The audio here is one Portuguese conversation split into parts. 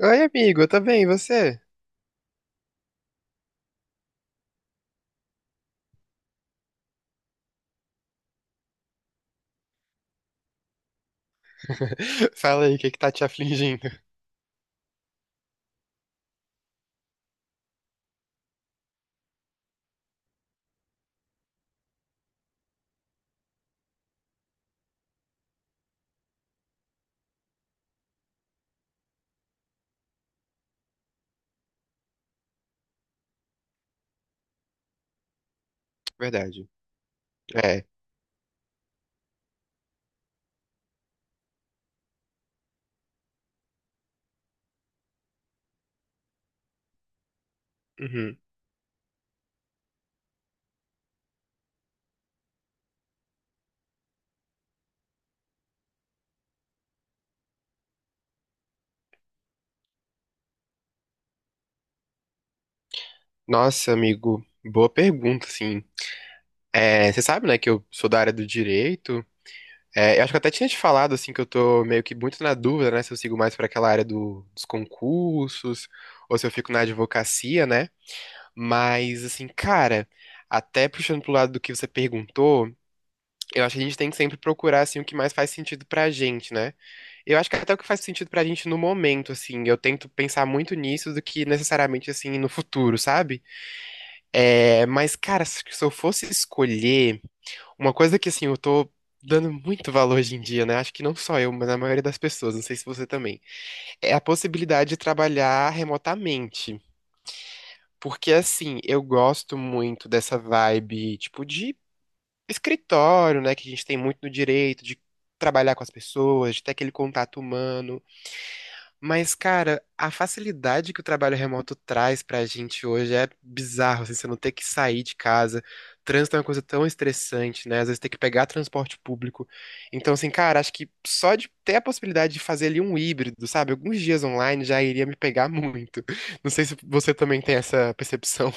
Oi, amigo, tá bem, e você? Fala aí, o que que tá te afligindo? Verdade. É. Uhum. Nossa, amigo, boa pergunta, sim. É, você sabe, né, que eu sou da área do direito. É, eu acho que eu até tinha te falado, assim, que eu tô meio que muito na dúvida, né, se eu sigo mais pra aquela área dos concursos ou se eu fico na advocacia, né? Mas, assim, cara, até puxando pro lado do que você perguntou. Eu acho que a gente tem que sempre procurar, assim, o que mais faz sentido pra gente, né? Eu acho que até o que faz sentido pra gente no momento, assim, eu tento pensar muito nisso do que necessariamente, assim, no futuro, sabe? É, mas, cara, se eu fosse escolher uma coisa que, assim, eu tô dando muito valor hoje em dia, né? Acho que não só eu, mas a maioria das pessoas, não sei se você também, é a possibilidade de trabalhar remotamente. Porque, assim, eu gosto muito dessa vibe, tipo, de escritório, né, que a gente tem muito no direito de trabalhar com as pessoas, de ter aquele contato humano. Mas, cara, a facilidade que o trabalho remoto traz pra gente hoje é bizarro, assim, você não ter que sair de casa. Trânsito é uma coisa tão estressante, né? Às vezes tem que pegar transporte público. Então, assim, cara, acho que só de ter a possibilidade de fazer ali um híbrido, sabe? Alguns dias online já iria me pegar muito. Não sei se você também tem essa percepção.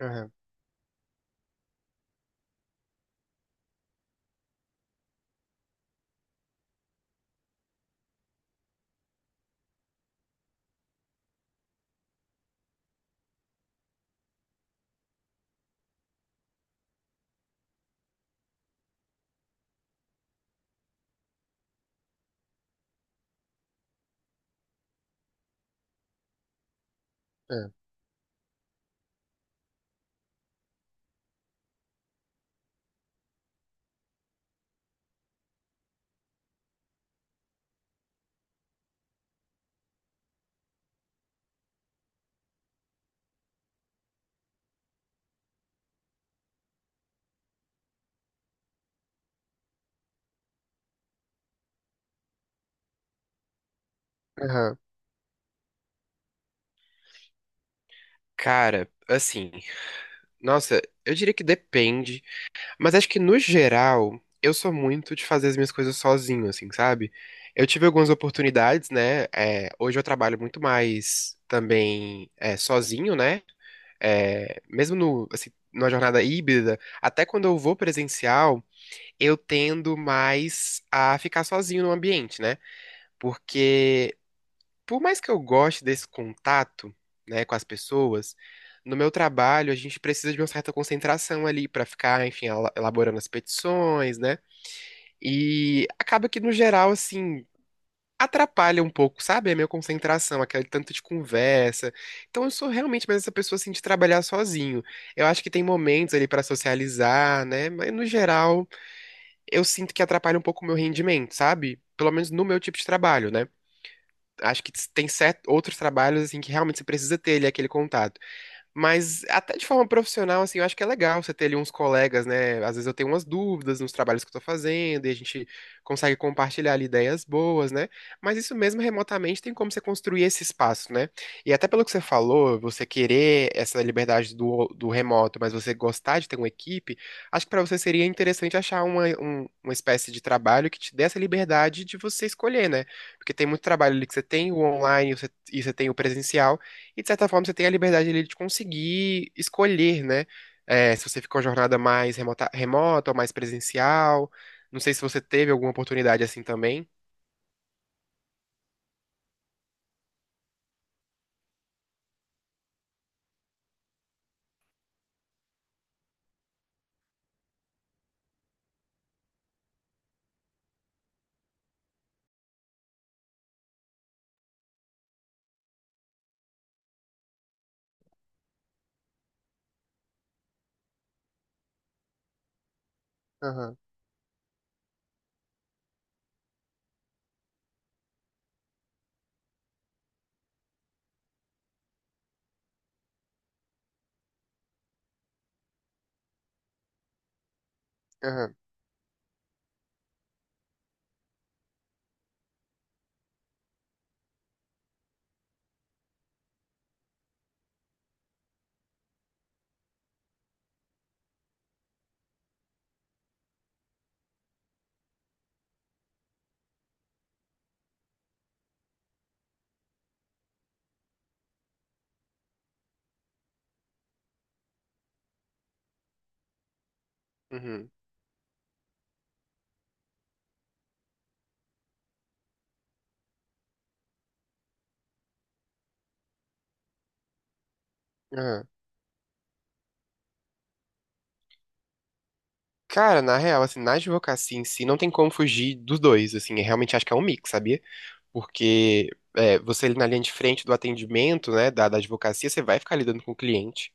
Aham, é, aham. Cara, assim. Nossa, eu diria que depende, mas acho que no geral eu sou muito de fazer as minhas coisas sozinho, assim, sabe? Eu tive algumas oportunidades, né? É, hoje eu trabalho muito mais também é, sozinho, né? É, mesmo no, assim, numa jornada híbrida, até quando eu vou presencial, eu tendo mais a ficar sozinho no ambiente, né? Porque por mais que eu goste desse contato, né, com as pessoas, no meu trabalho a gente precisa de uma certa concentração ali pra ficar, enfim, elaborando as petições, né? E acaba que no geral assim atrapalha um pouco, sabe? A minha concentração, aquele tanto de conversa. Então eu sou realmente mais essa pessoa assim de trabalhar sozinho. Eu acho que tem momentos ali pra socializar, né? Mas no geral eu sinto que atrapalha um pouco o meu rendimento, sabe? Pelo menos no meu tipo de trabalho, né? Acho que tem certos outros trabalhos assim que realmente você precisa ter ali aquele contato. Mas até de forma profissional, assim, eu acho que é legal você ter ali uns colegas, né? Às vezes eu tenho umas dúvidas nos trabalhos que eu tô fazendo e a gente consegue compartilhar ali ideias boas, né? Mas isso mesmo remotamente tem como você construir esse espaço, né? E até pelo que você falou, você querer essa liberdade do remoto, mas você gostar de ter uma equipe, acho que pra você seria interessante achar uma, uma espécie de trabalho que te dê essa liberdade de você escolher, né? Porque tem muito trabalho ali que você tem o online e você tem o presencial. E de certa forma você tem a liberdade ali de conseguir escolher, né? É, se você ficou uma jornada mais remota, ou mais presencial. Não sei se você teve alguma oportunidade assim também. Aham, aham, uhum, aham. Cara, na real, assim, na advocacia em si, não tem como fugir dos dois, assim, eu realmente acho que é um mix, sabia? Porque é, você ali na linha de frente do atendimento, né, da advocacia, você vai ficar lidando com o cliente.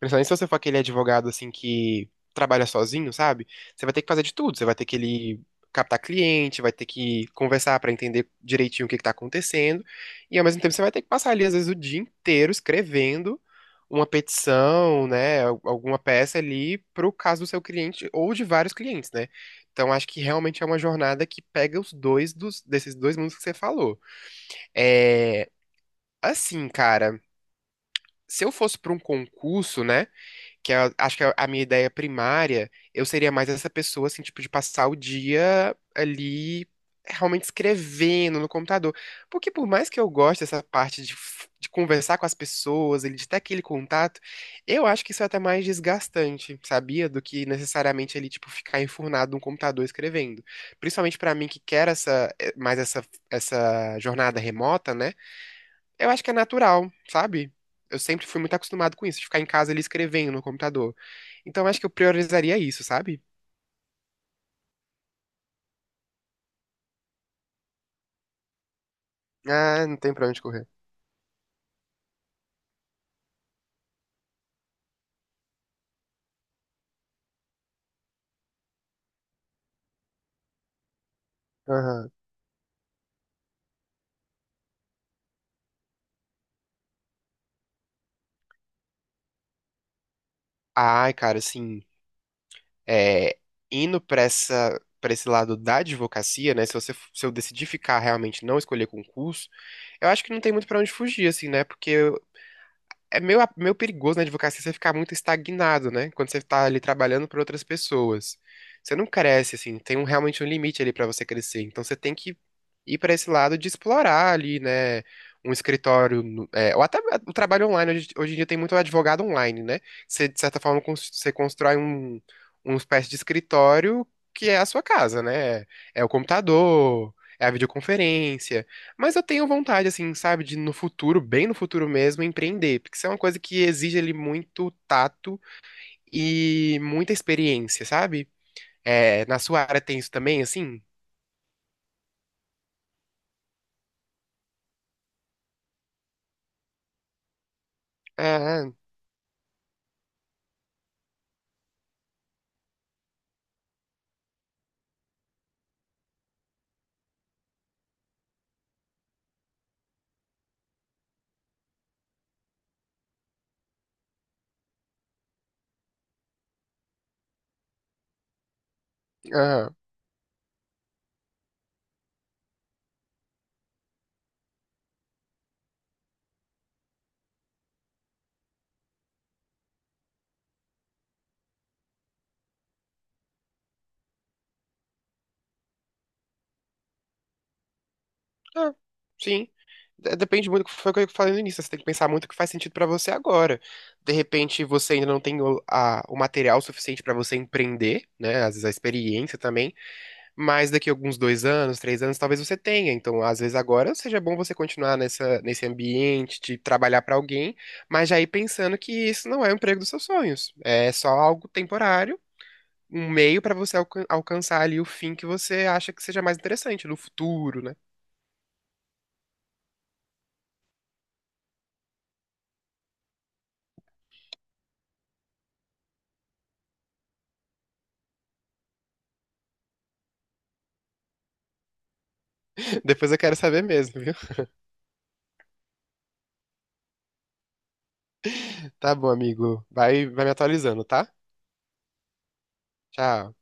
Principalmente se você for aquele advogado, assim, que trabalha sozinho, sabe? Você vai ter que fazer de tudo, você vai ter que ele captar cliente, vai ter que conversar para entender direitinho o que que tá acontecendo, e ao mesmo tempo você vai ter que passar ali, às vezes, o dia inteiro escrevendo uma petição, né, alguma peça ali pro caso do seu cliente ou de vários clientes, né? Então acho que realmente é uma jornada que pega os dois desses dois mundos que você falou. É, assim, cara, se eu fosse para um concurso, né, acho que é a minha ideia primária, eu seria mais essa pessoa, assim, tipo, de passar o dia ali realmente escrevendo no computador. Porque por mais que eu goste dessa parte de, de conversar com as pessoas, ele de ter aquele contato, eu acho que isso é até mais desgastante, sabia? Do que necessariamente ele tipo, ficar enfurnado num computador escrevendo. Principalmente para mim que quer essa, mais essa jornada remota, né? Eu acho que é natural, sabe? Eu sempre fui muito acostumado com isso, de ficar em casa ali escrevendo no computador. Então eu acho que eu priorizaria isso, sabe? Ah, não tem pra onde correr. Aham. Ai, cara, assim, é, indo pra esse lado da advocacia, né? Se eu decidir ficar realmente não escolher concurso, eu acho que não tem muito pra onde fugir, assim, né? Porque é meio perigoso na advocacia você ficar muito estagnado, né? Quando você tá ali trabalhando para outras pessoas. Você não cresce, assim, tem um, realmente um limite ali para você crescer. Então você tem que ir para esse lado de explorar ali, né? Um escritório, é, ou até o trabalho online. Hoje em dia tem muito advogado online, né? Você, de certa forma, você constrói uma espécie de escritório que é a sua casa, né? É o computador, é a videoconferência. Mas eu tenho vontade, assim, sabe, de no futuro, bem no futuro mesmo, empreender, porque isso é uma coisa que exige ali muito tato e muita experiência, sabe? É, na sua área tem isso também, assim? Ah, ah, ah, sim. Depende muito do que foi o que eu falei no início. Você tem que pensar muito o que faz sentido pra você agora. De repente, você ainda não tem o, o material suficiente pra você empreender, né? Às vezes a experiência também. Mas daqui a alguns 2 anos, 3 anos, talvez você tenha. Então, às vezes agora seja bom você continuar nessa, nesse ambiente de trabalhar para alguém, mas já ir pensando que isso não é o emprego dos seus sonhos. É só algo temporário, um meio para você alcançar ali o fim que você acha que seja mais interessante no futuro, né? Depois eu quero saber mesmo, viu? Tá bom, amigo. Vai me atualizando, tá? Tchau.